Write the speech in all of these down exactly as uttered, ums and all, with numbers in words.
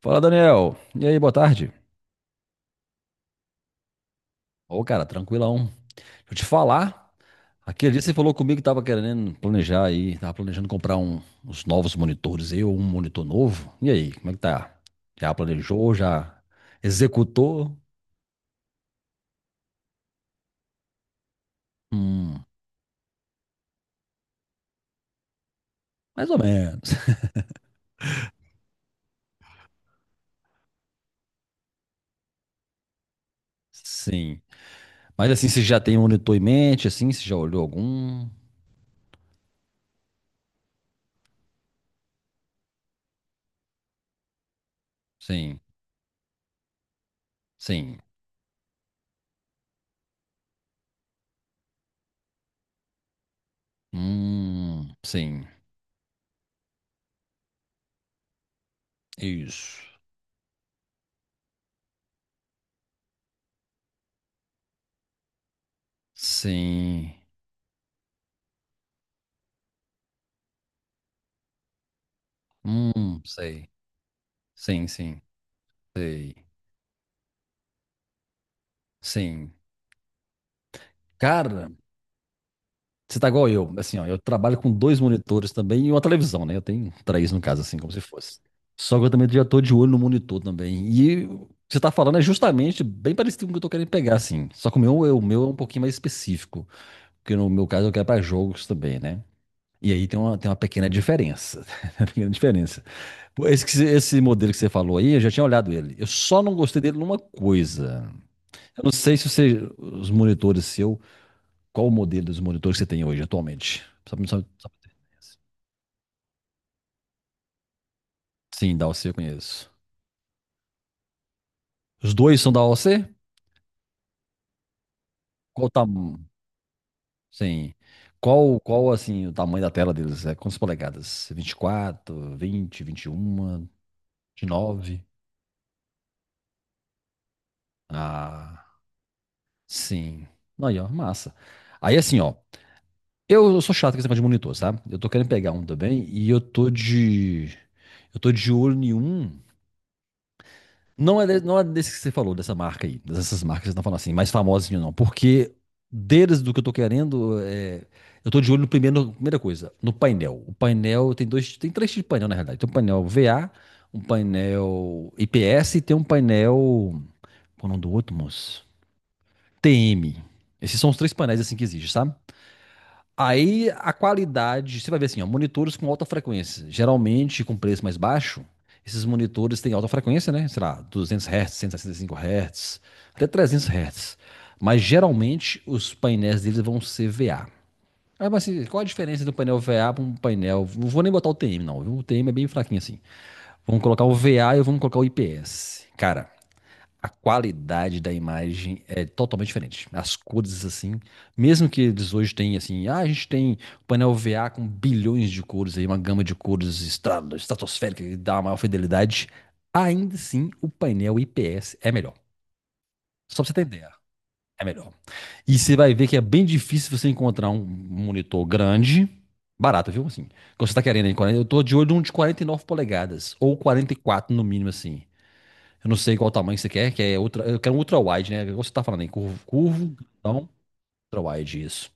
Fala, Daniel. E aí, boa tarde. Ô, cara, tranquilão. Deixa eu te falar. Aquele dia você falou comigo que tava querendo planejar aí, tava planejando comprar um, uns novos monitores aí, ou um monitor novo. E aí, como é que tá? Já planejou, já executou? Hum, mais ou menos. Sim. Mas assim, você já tem um monitor em mente, assim, você já olhou algum? Sim, sim. Hum, sim. Isso. Sim. Hum, sei. Sim, sim. Sei. Sim. Cara, você tá igual eu. Assim, ó, eu trabalho com dois monitores também e uma televisão, né? Eu tenho três no caso, assim, como se fosse. Só que eu também já tô de olho no monitor também. E o que você tá falando é justamente bem parecido com o que eu tô querendo pegar, assim. Só que o meu, é- o meu é um pouquinho mais específico. Porque no meu caso eu quero pra jogos também, né? E aí tem uma, tem uma pequena diferença. Uma pequena diferença. Pô, Esse, que você- esse modelo que você falou aí, eu já tinha olhado ele. Eu só não gostei dele numa coisa. Eu não sei se você, os monitores seus. Qual o modelo dos monitores que você tem hoje, atualmente? Só pra, só, só pra ter ideia. Assim. Sim, da A O C eu conheço. Os dois são da A O C? Qual o tamanho? Sim. Qual, qual, assim, o tamanho da tela deles? É quantas polegadas? vinte e quatro, vinte, vinte e um, nove? Ah, sim. Aí, ó, massa. Aí, assim, ó. Eu eu sou chato com esse negócio de monitor, sabe? Eu tô querendo pegar um também e eu tô de... Eu tô de olho em um. Não é, de- não é desse que você falou, dessa marca aí, dessas marcas que você tá falando assim, mais famosinho não. Porque deles do que eu tô querendo, é, eu tô de olho no primeiro, primeira coisa, no painel. O painel tem dois, tem três tipos de painel na realidade. Tem um painel V A, um painel I P S e tem um painel, qual é o nome do outro, moço? T M. Esses são os três painéis assim que existem, sabe? Aí a qualidade, você vai ver assim, ó, monitores com alta frequência, geralmente com preço mais baixo, esses monitores têm alta frequência, né? Sei lá, duzentos Hz, cento e sessenta e cinco Hz, até trezentos Hz. Mas geralmente os painéis deles vão ser V A. Ah, mas assim, qual a diferença do painel V A para um painel? Não vou nem botar o T M, não. Viu? O T M é bem fraquinho assim. Vamos colocar o V A e vamos colocar o I P S. Cara, a qualidade da imagem é totalmente diferente. As cores, assim, mesmo que eles hoje têm, assim, ah, a gente tem painel V A com bilhões de cores aí, uma gama de cores estra- estratosférica que dá uma maior fidelidade, ainda assim o painel I P S é melhor. Só pra você ter ideia, é melhor. E você vai ver que é bem difícil você encontrar um monitor grande, barato, viu? Assim, quando você tá querendo, aí, quarenta eu tô de olho num de quarenta e nove polegadas, ou quarenta e quatro no mínimo, assim. Eu não sei qual tamanho você quer, que é ultra, eu quero um ultra wide, né? Igual você tá falando aí, curvo, curvo, então, ultra wide, isso.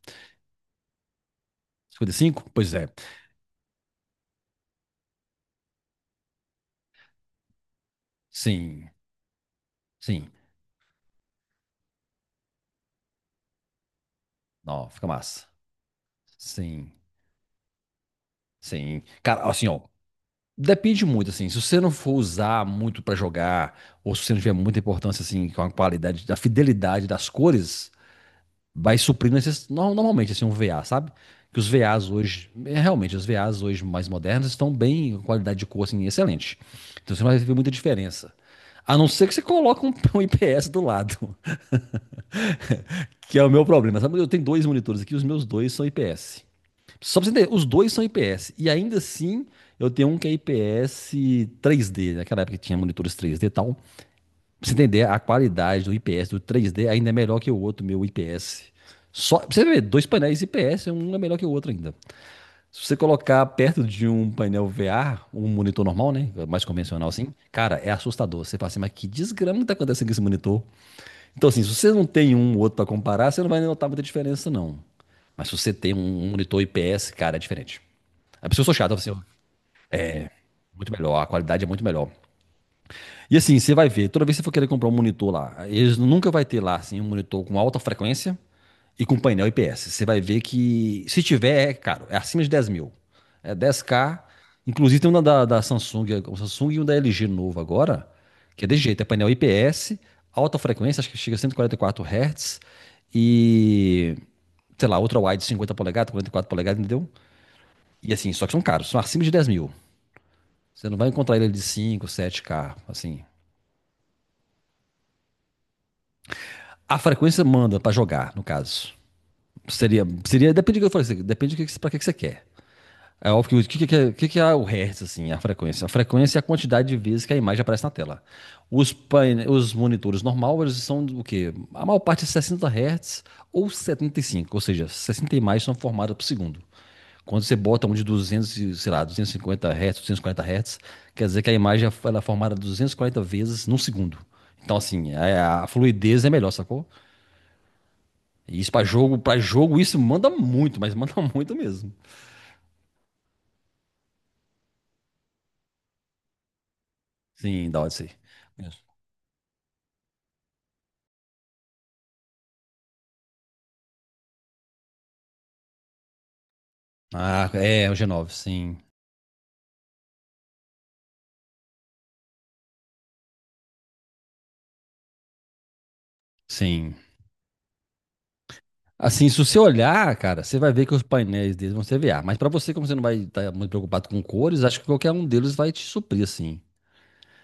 Cinquenta e cinco? Pois é. Sim, sim. Não, fica massa. Sim, sim. Cara, assim, ó, depende muito, assim, se você não for usar muito pra jogar, ou se você não tiver muita importância, assim, com a qualidade, da fidelidade das cores, vai suprir necess... no- normalmente assim um V A, sabe? Que os V As hoje, é, realmente, os V As hoje mais modernos estão bem, com qualidade de cor assim, excelente. Então você não vai ver muita diferença. A não ser que você coloque um, um I P S do lado, que é o meu problema. Sabe? Eu tenho dois monitores aqui, os meus dois são I P S. Só pra você entender, os dois são I P S. E ainda assim, eu tenho um que é I P S três D. Naquela época que tinha monitores três D e tal. Pra você entender, a qualidade do I P S do três D ainda é melhor que o outro meu I P S. Só, pra você ver, dois painéis I P S, um é melhor que o outro ainda. Se você colocar perto de um painel V R, um monitor normal, né? Mais convencional assim, cara, é assustador. Você fala assim, mas que desgrama que tá acontecendo com esse monitor? Então, assim, se você não tem um ou outro pra comparar, você não vai notar muita diferença, não. Mas se você tem um monitor I P S, cara, é diferente. A pessoa sou chata, assim, ó, muito melhor, a qualidade é muito melhor. E assim, você vai ver, toda vez que você for querer comprar um monitor lá, eles nunca vai ter lá assim, um monitor com alta frequência e com painel I P S. Você vai ver que, se tiver, é caro, é acima de dez mil. É dez k. Inclusive tem um da, da Samsung, o Samsung e um da L G novo agora, que é desse jeito, é painel I P S, alta frequência, acho que chega a cento e quarenta e quatro Hz e, quatro hertz e, sei lá, outra wide cinquenta polegadas, quarenta e quatro polegadas, entendeu? E assim, só que são caros, são acima de dez mil. Você não vai encontrar ele de cinco sete k assim. A frequência manda pra jogar, no caso. Seria, seria depende do que eu falei, depende do que, pra que, você quer. É óbvio que o que, que, que, que é o hertz, assim, a frequência? A frequência é a quantidade de vezes que a imagem aparece na tela. Os, paine- os monitores normal, eles são o quê? A maior parte é sessenta hertz ou setenta e cinco ou seja, sessenta imagens são formadas por segundo. Quando você bota um de duzentos e, sei lá, duzentos e cinquenta hertz, duzentos e quarenta hertz, quer dizer que a imagem ela é formada duzentos e quarenta vezes num segundo. Então, assim, a, a fluidez é melhor, sacou? E isso pra jogo, para jogo, isso manda muito, mas manda muito mesmo. Sim, da Odyssey. Mesmo. Ah, é, o G nove, sim. Sim. Assim, se você olhar, cara, você vai ver que os painéis deles vão ser V A. Mas pra você, como você não vai estar muito preocupado com cores, acho que qualquer um deles vai te suprir, assim.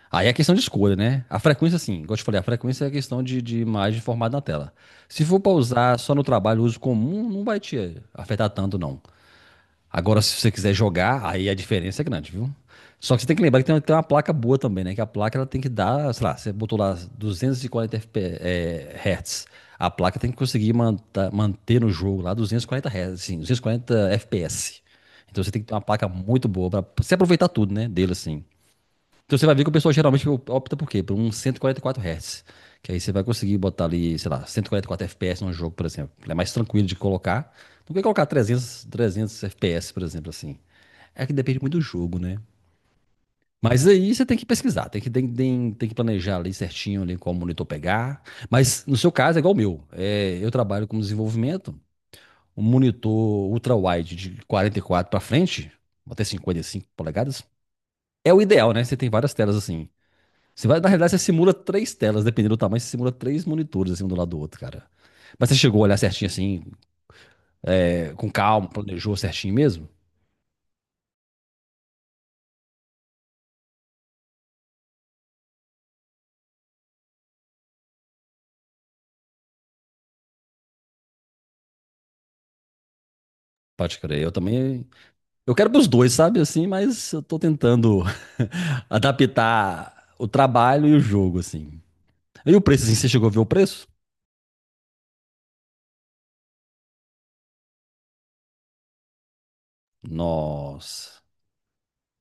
Aí é questão de escolha, né? A frequência, assim, igual eu te falei, a frequência é a questão de, de imagem formada na tela. Se for pra usar só no trabalho, uso comum, não vai te afetar tanto, não. Agora, se você quiser jogar, aí a diferença é grande, viu? Só que você tem que lembrar que tem uma, tem uma placa boa também, né? Que a placa ela tem que dar, sei lá, você botou lá duzentos e quarenta F P, é, Hz. A placa tem que conseguir manta- manter no jogo lá duzentos e quarenta Hz, assim, duzentos e quarenta F P S. Então você tem que ter uma placa muito boa para você aproveitar tudo, né? Dele assim. Então você vai ver que o pessoal geralmente opta por quê? Por um cento e quarenta e quatro Hz. Que aí você vai conseguir botar ali, sei lá, cento e quarenta e quatro F P S num jogo, por exemplo. Ele é mais tranquilo de colocar do que colocar trezentos, trezentos F P S, por exemplo, assim. É que depende muito do jogo, né? Mas aí você tem que pesquisar, tem que, tem, tem, tem que planejar ali certinho ali qual monitor pegar. Mas no seu caso é igual o meu. É, eu trabalho com desenvolvimento, um monitor ultra-wide de quarenta e quatro para frente, até cinquenta e cinco polegadas, é o ideal, né? Você tem várias telas assim. Você vai, na realidade, você simula três telas, dependendo do tamanho, você simula três monitores assim um do lado do outro, cara. Mas você chegou a olhar certinho assim, é, com calma, planejou certinho mesmo? Pode crer, eu também. Eu quero pros dois, sabe, assim, mas eu tô tentando adaptar o trabalho e o jogo, assim. E o preço, assim, você chegou a ver o preço? Nossa.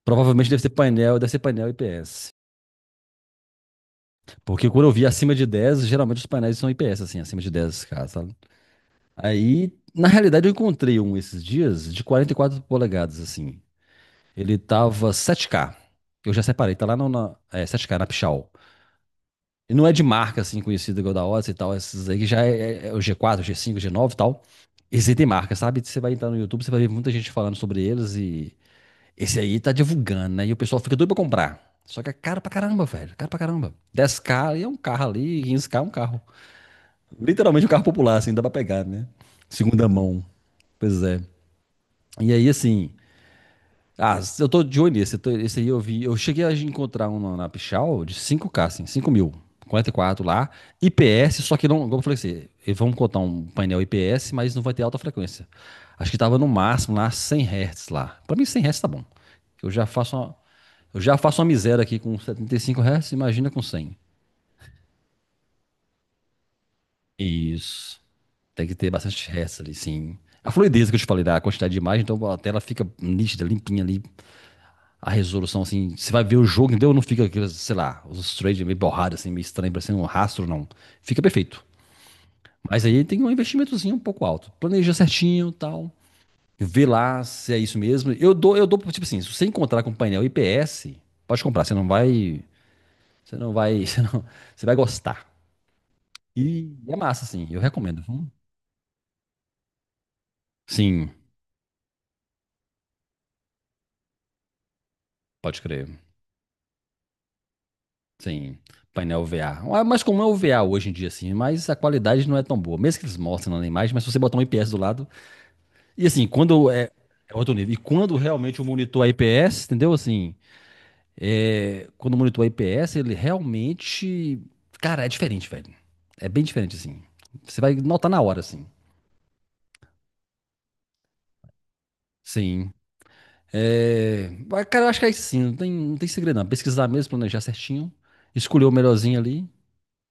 Provavelmente deve ser painel, deve ser painel I P S. Porque quando eu vi acima de dez geralmente os painéis são I P S, assim, acima de dez k sabe? Aí, na realidade, eu encontrei um esses dias de quarenta e quatro polegadas, assim. Ele tava sete k. Eu já separei, tá lá no, na, é, sete k, na Pichau. E não é de marca, assim, conhecida igual da Odyssey e tal. Esses aí que já é, é é o G quatro, G cinco, G nove e tal. Esse aí tem marca, sabe? Você vai entrar no YouTube, você vai ver muita gente falando sobre eles e... Esse aí tá divulgando, né? E o pessoal fica doido pra comprar. Só que é caro pra caramba, velho. Caro pra caramba. Dez k ali é um carro ali, quinze k é um carro. Literalmente um carro popular, assim, dá pra pegar, né? Segunda mão. Pois é. E aí, assim. Ah, eu tô de olho nesse. eu tô- Esse aí eu vi. Eu cheguei a encontrar um na, na Pichau de cinco k, assim, cinco mil. Quarenta e quatro lá. I P S, só que não. Como eu falei assim, eles vão botar um painel I P S, mas não vai ter alta frequência. Acho que tava no máximo lá cem Hz lá. Pra mim, cem Hz tá bom. Eu já faço uma, eu já faço uma miséria aqui com setenta e cinco Hz, imagina com cem. Isso. Tem que ter bastante Hz ali, sim. A fluidez que eu te falei, da quantidade de imagem, então a tela fica nítida, limpinha ali, a resolução, assim, você vai ver o jogo, entendeu? Não fica aqueles, sei lá, os trades meio borrados, assim, meio estranho, parecendo um rastro, não. Fica perfeito. Mas aí tem um investimentozinho um pouco alto. Planeja certinho, e tal. Vê lá se é isso mesmo. Eu dou, eu dou, tipo assim, se você encontrar com painel I P S, pode comprar, você não vai, você não vai, você não, você vai gostar. E é massa, assim, eu recomendo. Hum. Sim, pode crer. Sim, painel V A. Ah, mas como é o V A hoje em dia, assim, mas a qualidade não é tão boa. Mesmo que eles mostrem na imagem, mas se você botar um I P S do lado, e assim, quando é, é outro nível. E quando realmente o monitor I P S, entendeu? Assim, é, quando o monitor I P S, ele realmente. Cara, é diferente, velho. É bem diferente, assim. Você vai notar na hora, assim. Sim. É, mas, cara, eu acho que é isso sim, não tem, não tem segredo, não. Pesquisar mesmo, planejar certinho, escolher o melhorzinho ali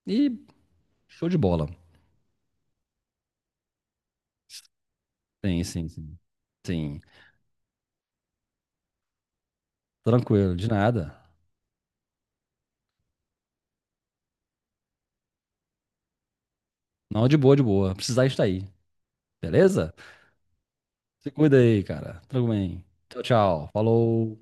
e show de bola. Sim, sim, sim. Sim. Tranquilo, de nada. Não, de boa, de boa. Precisar estar aí. Beleza? Se cuida aí, cara. Tudo bem. Tchau, tchau. Falou.